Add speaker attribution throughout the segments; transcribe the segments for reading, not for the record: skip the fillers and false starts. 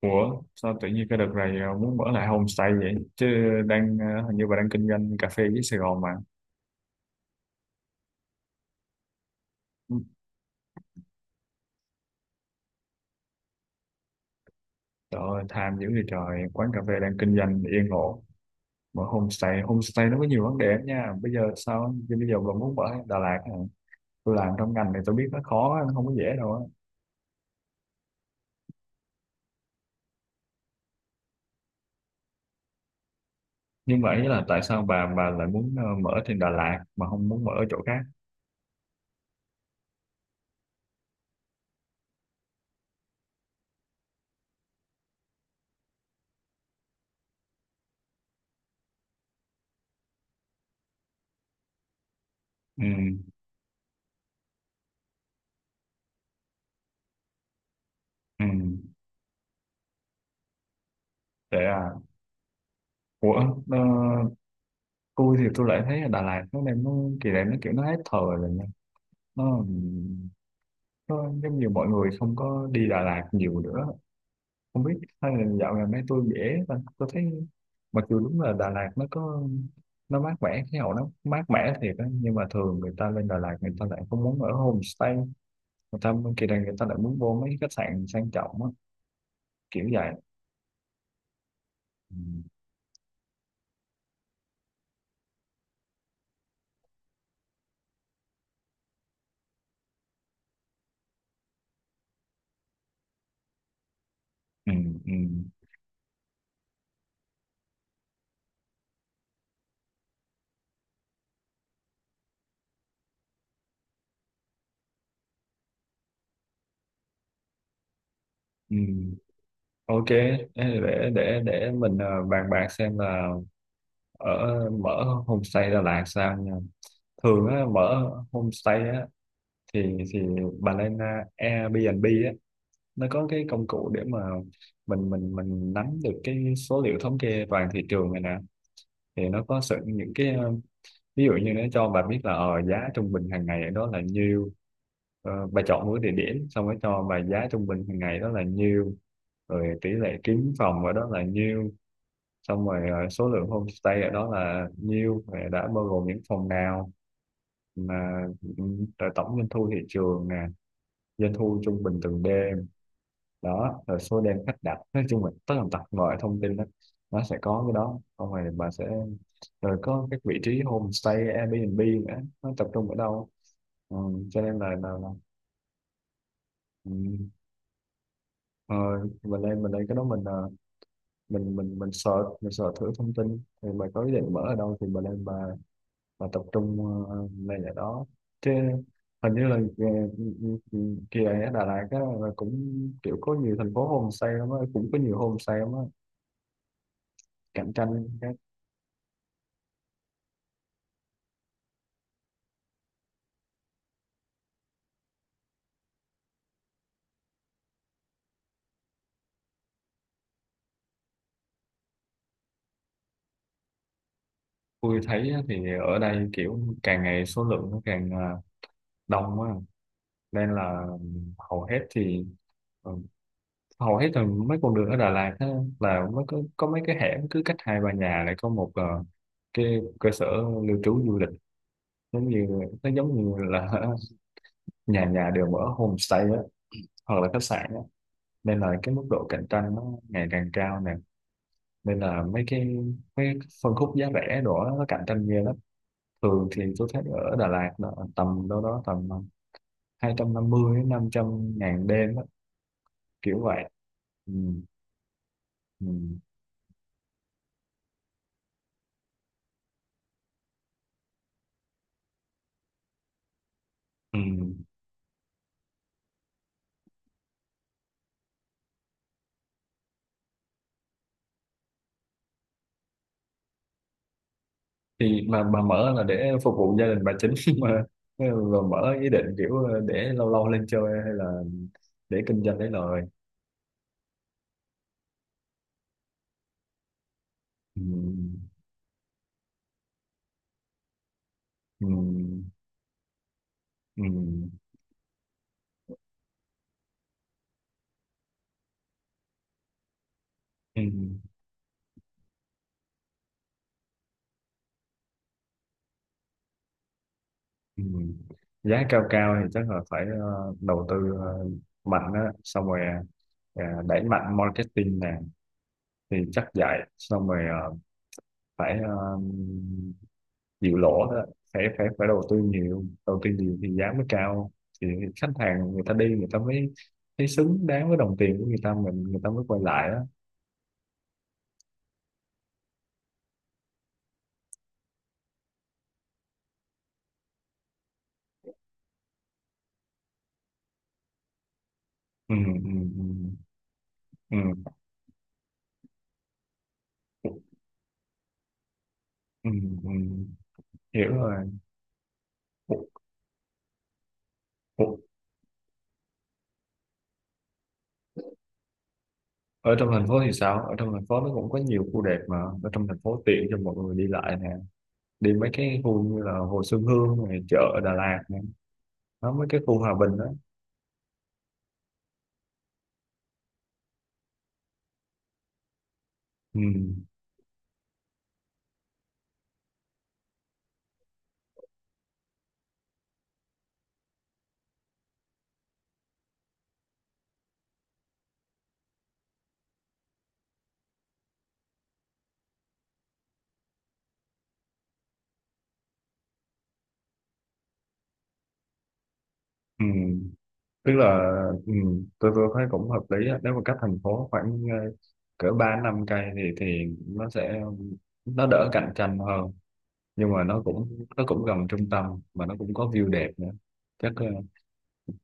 Speaker 1: Ủa, sao tự nhiên cái đợt này muốn mở lại homestay vậy chứ đang hình như bà đang kinh doanh cà phê với Sài Gòn mà. Ừ, trời ơi, tham dữ vậy trời, quán cà phê đang kinh doanh yên ổn, mở homestay. Homestay nó có nhiều vấn đề lắm nha. Bây giờ sao chứ, bây giờ bà muốn mở ở Đà Lạt hả? Tôi làm trong ngành này tôi biết nó khó, nó không có dễ đâu á. Nhưng mà ý là tại sao bà lại muốn mở trên Đà Lạt mà không muốn mở ở chỗ khác? Ừ. Ừ. Để à, ủa, ờ, tôi thì tôi lại thấy ở Đà Lạt nó đang, kỳ này nó kiểu hết thời rồi. Ờ, nó giống như mọi người không có đi Đà Lạt nhiều nữa, không biết, hay là dạo gần đây tôi dễ và tôi thấy mặc dù đúng là Đà Lạt nó có, nó mát mẻ, khí hậu nó mát mẻ thiệt á, nhưng mà thường người ta lên Đà Lạt người ta lại không muốn ở homestay. Người ta kỳ này người ta lại muốn vô mấy cái khách sạn sang trọng á, kiểu vậy. Ừ. Ừ. Ừ. Ừ. Ok, để mình bàn bạc xem là ở mở homestay Đà Lạt sao nha. Thường á, mở homestay á, thì bà lên à, Airbnb á, nó có cái công cụ để mà mình nắm được cái số liệu thống kê toàn thị trường này nè, thì nó có những cái, ví dụ như nó cho bà biết là giá trung bình hàng ngày đó là nhiêu. Ờ, bà chọn một cái địa điểm xong rồi cho bà giá trung bình hàng ngày đó là nhiêu, rồi tỷ lệ kiếm phòng ở đó là nhiêu, xong rồi số lượng homestay ở đó là nhiêu rồi đã bao gồm những phòng nào mà. Ừ, rồi tổng doanh thu thị trường nè, doanh thu trung bình từng đêm đó, rồi số đêm khách đặt, nói chung là tất tần tật mọi thông tin đó, nó sẽ có cái đó. Xong rồi bà sẽ, rồi có các vị trí homestay Airbnb nữa, nó tập trung ở đâu. Ừ, cho nên là là ừ, ờ, mình lên cái đó, mình ờ, mình search thử thông tin. Thì bà có ý định mở ở đâu thì bà lên bà và tập trung lên ở đó chứ. Hình như là kỳ này ở Đà Lạt á, là cũng kiểu có nhiều thành phố homestay lắm á, cũng có nhiều homestay lắm á, cạnh tranh các. Tôi thấy á, thì ở đây kiểu càng ngày số lượng nó càng đông á, nên là hầu hết thì ừ, hầu hết là mấy con đường ở Đà Lạt á, là mới có mấy cái hẻm cứ cách 2-3 nhà lại có một cái cơ sở lưu trú du lịch, giống như, nó giống như là nhà nhà đều mở homestay á, hoặc là khách sạn á. Nên là cái mức độ cạnh tranh nó ngày càng cao nè, nên là mấy cái phân khúc giá rẻ đó nó cạnh tranh ghê lắm. Thường thì tôi thấy ở Đà Lạt là tầm đâu đó tầm 250 đến 500 ngàn đêm á, kiểu vậy. Ừ. Ừ. Ừ. Thì mà mở là để phục vụ gia đình bà chính mà, rồi mở ý định kiểu để lâu lâu lên chơi hay là để kinh doanh lấy lời. Ừ. Ừ. Ừ. Ừ. Ừ. Giá cao cao thì chắc là phải đầu tư mạnh á, xong rồi đẩy mạnh marketing nè, thì chắc vậy. Xong rồi phải chịu lỗ đó. Phải phải phải đầu tư nhiều, đầu tư nhiều thì giá mới cao, thì khách hàng người ta đi người ta mới thấy xứng đáng với đồng tiền của người ta, mình người ta mới quay lại đó. Ừ. Ừ. Ừ. Ừ. Ừ. Ừ. Ừ. Hiểu rồi. Ủa, ủa, ở trong thành phố thì sao, ở trong thành phố nó cũng có nhiều khu đẹp mà. Ở trong thành phố tiện cho mọi người đi lại nè, đi mấy cái khu như là Hồ Xuân Hương này, chợ ở Đà Lạt nè, nó mấy cái khu Hòa Bình đó. Ừ. Ừ. Tức là ừ, tôi thấy cũng hợp lý á. Nếu mà cách thành phố khoảng cỡ 3-5 cây thì nó sẽ, nó đỡ cạnh tranh hơn, nhưng mà nó cũng gần trung tâm mà nó cũng có view đẹp nữa, chắc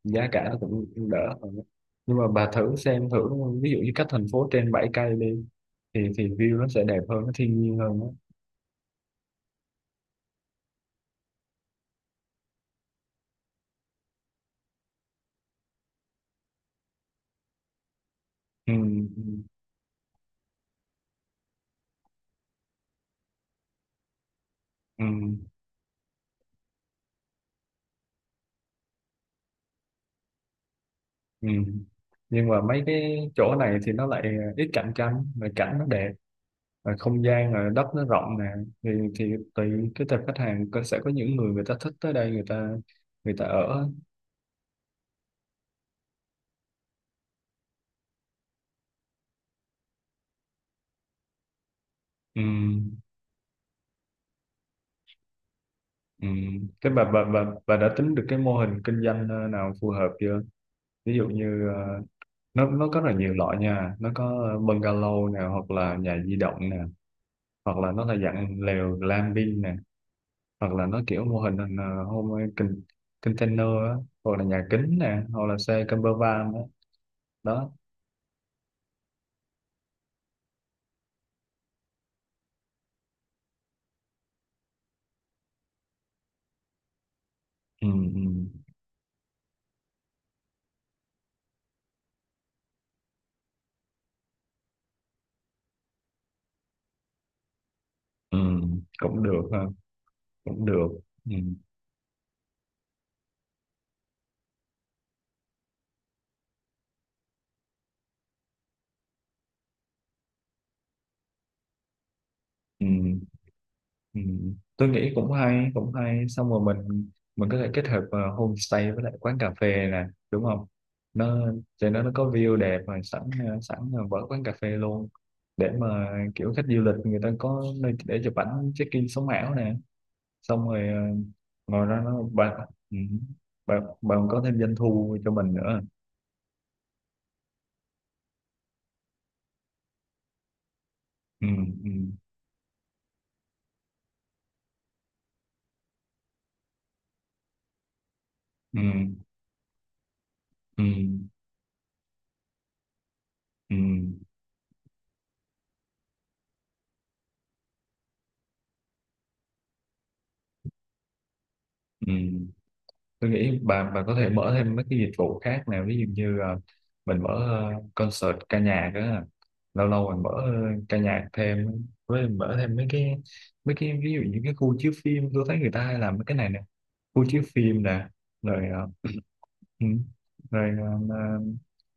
Speaker 1: giá cả nó cũng đỡ hơn á. Nhưng mà bà thử xem thử, ví dụ như cách thành phố trên 7 cây đi, thì view nó sẽ đẹp hơn, nó thiên nhiên hơn á. Ừ. Ừ. Ừ. Ừ. Nhưng mà mấy cái chỗ này thì nó lại ít cạnh tranh mà cảnh nó đẹp, rồi không gian, rồi đất nó rộng nè, thì tùy cái tập khách hàng sẽ có những người, người ta thích tới đây, người ta, người ta ở á. Ừ. Ừ. Thế bà đã tính được cái mô hình kinh doanh nào phù hợp chưa? Ví dụ như nó có rất là nhiều loại nha, nó có bungalow nè, hoặc là nhà di động nè, hoặc là nó là dạng lều glamping nè, hoặc là nó kiểu mô hình container á, hoặc là nhà kính nè, hoặc là xe camper van á đó. Ừ. Ừ. Ừ, cũng được ha, cũng được. Ừ. Ừ. Ừ, tôi nghĩ cũng hay, cũng hay. Xong rồi mình có thể kết hợp homestay với lại quán cà phê nè, đúng không? Nó cho nó, có view đẹp rồi sẵn sẵn là vỡ quán cà phê luôn, để mà kiểu khách du lịch người ta có nơi để chụp ảnh check in sống ảo nè, xong rồi ờ, ngồi ra nó bạn ừ, bạn bạn có thêm doanh thu cho mình nữa. Ừ. Ừ. Ừ. Ừ. Ừ. Ừ. Tôi nghĩ bà có thể mở thêm mấy cái dịch vụ khác nào, ví dụ như mình mở concert ca nhạc á, lâu lâu mình mở ca nhạc thêm, với mình mở thêm mấy cái ví dụ như cái khu chiếu phim, tôi thấy người ta hay làm mấy cái này nè, khu chiếu phim nè, rồi ừ, rồi ờ,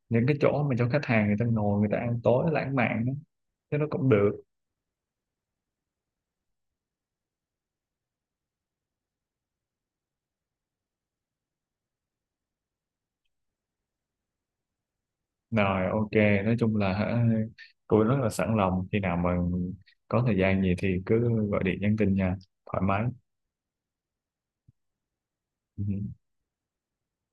Speaker 1: những cái chỗ mà cho khách hàng người ta ngồi người ta ăn tối lãng mạn đó. Thế nó cũng được. Rồi, ok, nói chung là hả, tôi rất là sẵn lòng, khi nào mà có thời gian gì thì cứ gọi điện nhắn tin nha, thoải mái. Ừ.